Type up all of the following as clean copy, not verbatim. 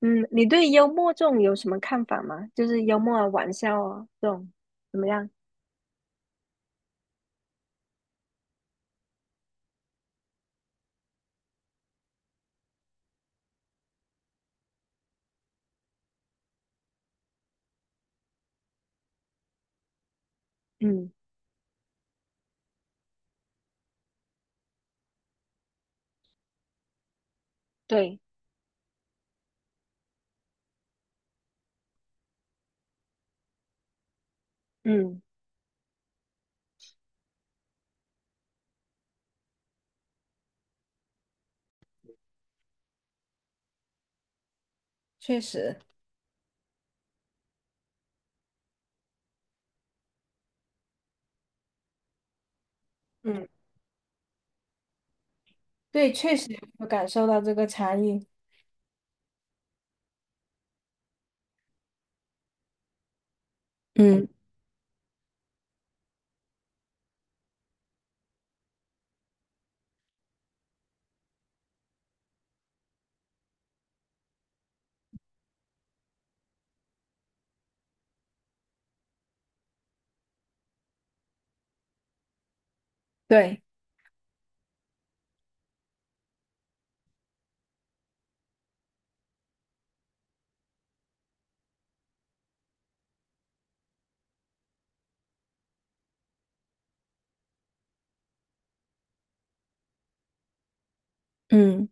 嗯，你对幽默这种有什么看法吗？就是幽默啊、玩笑啊这种怎么样？嗯，对。嗯，确实。嗯，对。确实有感受到这个差异。嗯，对。嗯，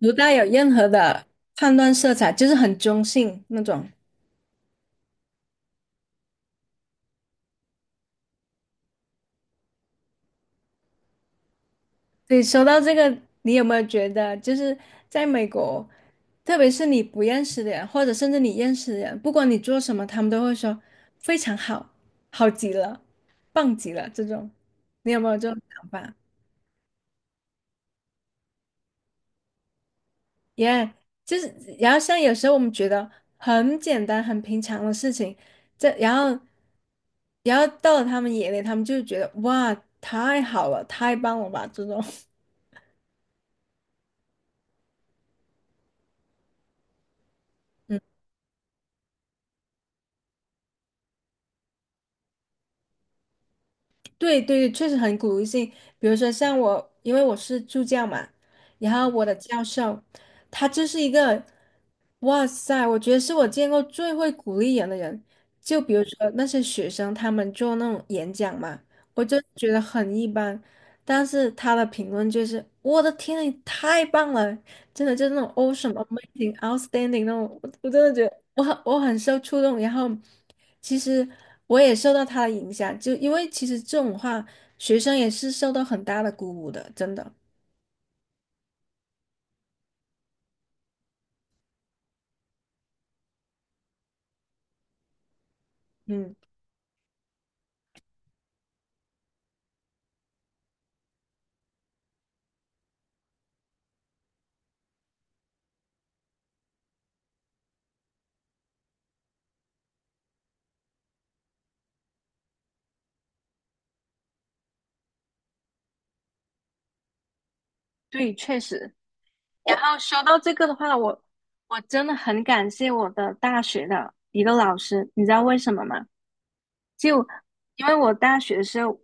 不带有任何的判断色彩，就是很中性那种。对，说到这个，你有没有觉得，就是在美国，特别是你不认识的人，或者甚至你认识的人，不管你做什么，他们都会说非常好，好极了，棒极了这种。你有没有这种想法？耶。就是，然后像有时候我们觉得很简单、很平常的事情，这然后，然后到了他们眼里，他们就觉得哇，太好了，太棒了吧这种。对对，确实很鼓励性。比如说像我，因为我是助教嘛，然后我的教授，他就是一个，哇塞，我觉得是我见过最会鼓励人的人。就比如说那些学生，他们做那种演讲嘛，我就觉得很一般，但是他的评论就是，我的天，你太棒了，真的就是那种 awesome、amazing、outstanding 那种，我真的觉得。我很受触动，然后其实我也受到他的影响，就因为其实这种话，学生也是受到很大的鼓舞的，真的。嗯。对，确实。然后说到这个的话，我真的很感谢我的大学的一个老师，你知道为什么吗？就因为我大学的时候，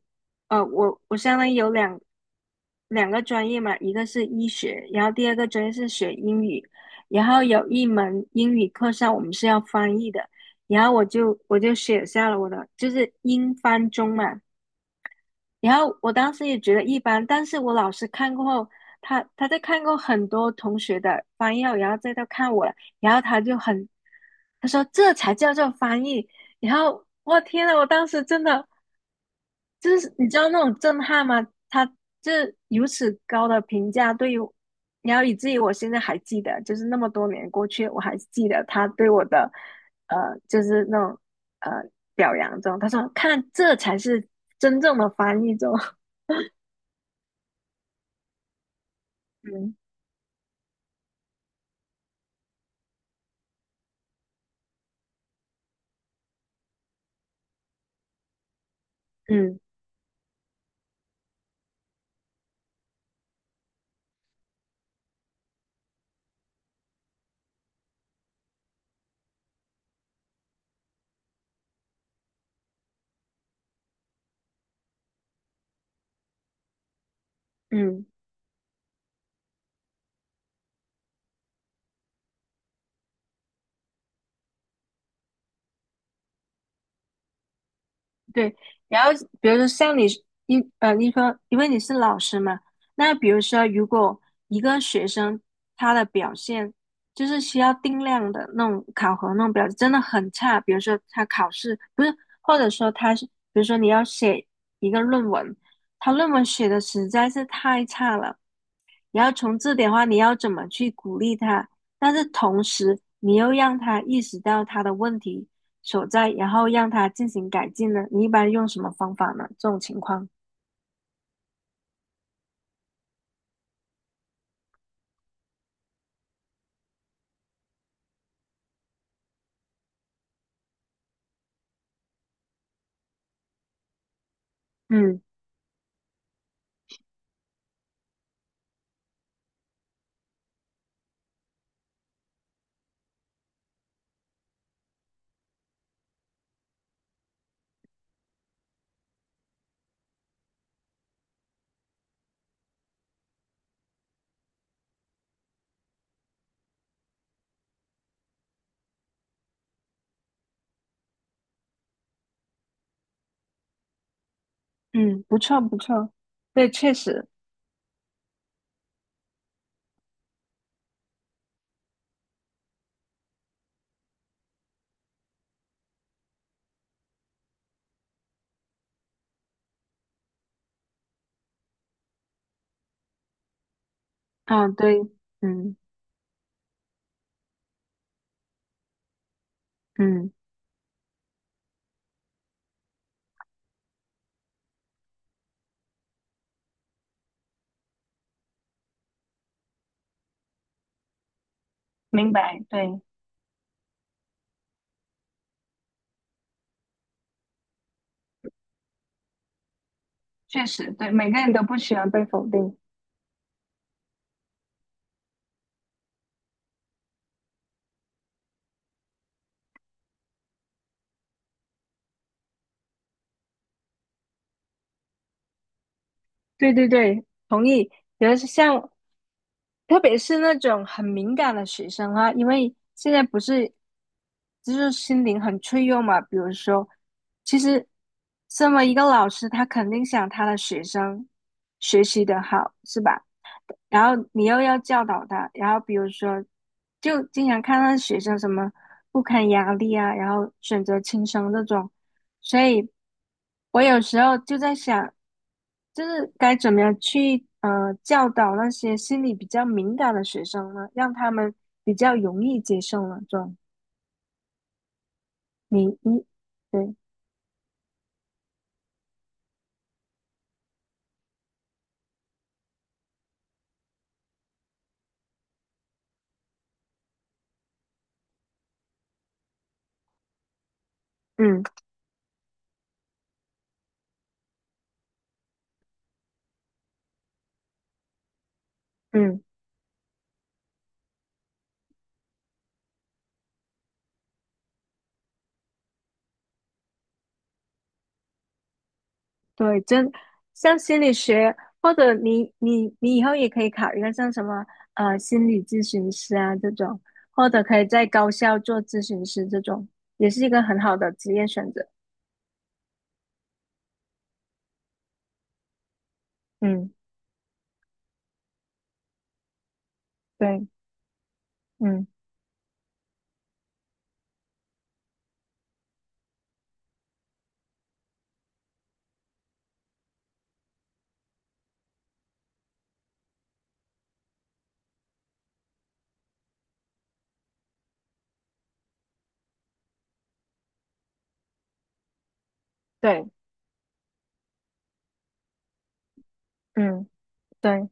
我相当于有两个专业嘛，一个是医学，然后第二个专业是学英语，然后有一门英语课上我们是要翻译的，然后我就写下了我的就是英翻中嘛，然后我当时也觉得一般，但是我老师看过后，他在看过很多同学的翻译后，然后再到看我了，然后他就很，他说这才叫做翻译。然后我天呐，我当时真的就是你知道那种震撼吗？他这如此高的评价对于，然后以至于我现在还记得，就是那么多年过去，我还记得他对我的，呃，就是那种呃表扬中，他说看这才是真正的翻译中。嗯。嗯嗯，对。然后比如说像你说因为你是老师嘛，那比如说如果一个学生他的表现就是需要定量的那种考核那种表现真的很差，比如说他考试不是，或者说他是，比如说你要写一个论文，他论文写的实在是太差了，你要从这点的话，你要怎么去鼓励他？但是同时，你又让他意识到他的问题所在，然后让他进行改进呢？你一般用什么方法呢？这种情况。嗯嗯，不错不错，对，确实。啊，对。嗯嗯，明白，对，确实。对，每个人都不喜欢被否定。对对对，同意。比如是像特别是那种很敏感的学生啊，因为现在不是就是心灵很脆弱嘛。比如说，其实身为一个老师，他肯定想他的学生学习的好，是吧？然后你又要教导他，然后比如说，就经常看到学生什么不堪压力啊，然后选择轻生这种，所以我有时候就在想，就是该怎么样去教导那些心理比较敏感的学生呢，让他们比较容易接受呢？这种你对。嗯嗯，对。真像心理学，或者你以后也可以考虑一个像什么心理咨询师啊这种，或者可以在高校做咨询师这种，也是一个很好的职业选择。嗯，对。嗯，对。嗯，对。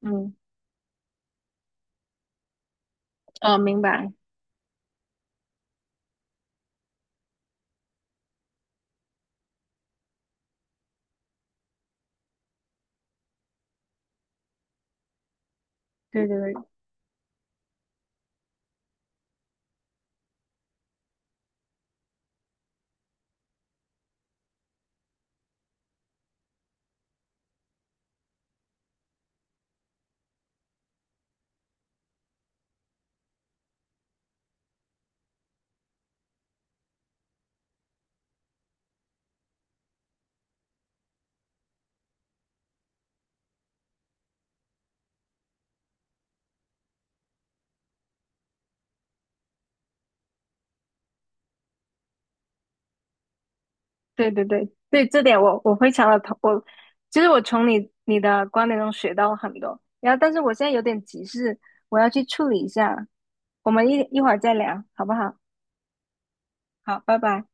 嗯。哦，明白。对对对。对对对对，这点我非常的同我，其实我从你的观点中学到了很多。然后，但是我现在有点急事，我要去处理一下，我们一会儿再聊，好不好？好，拜拜。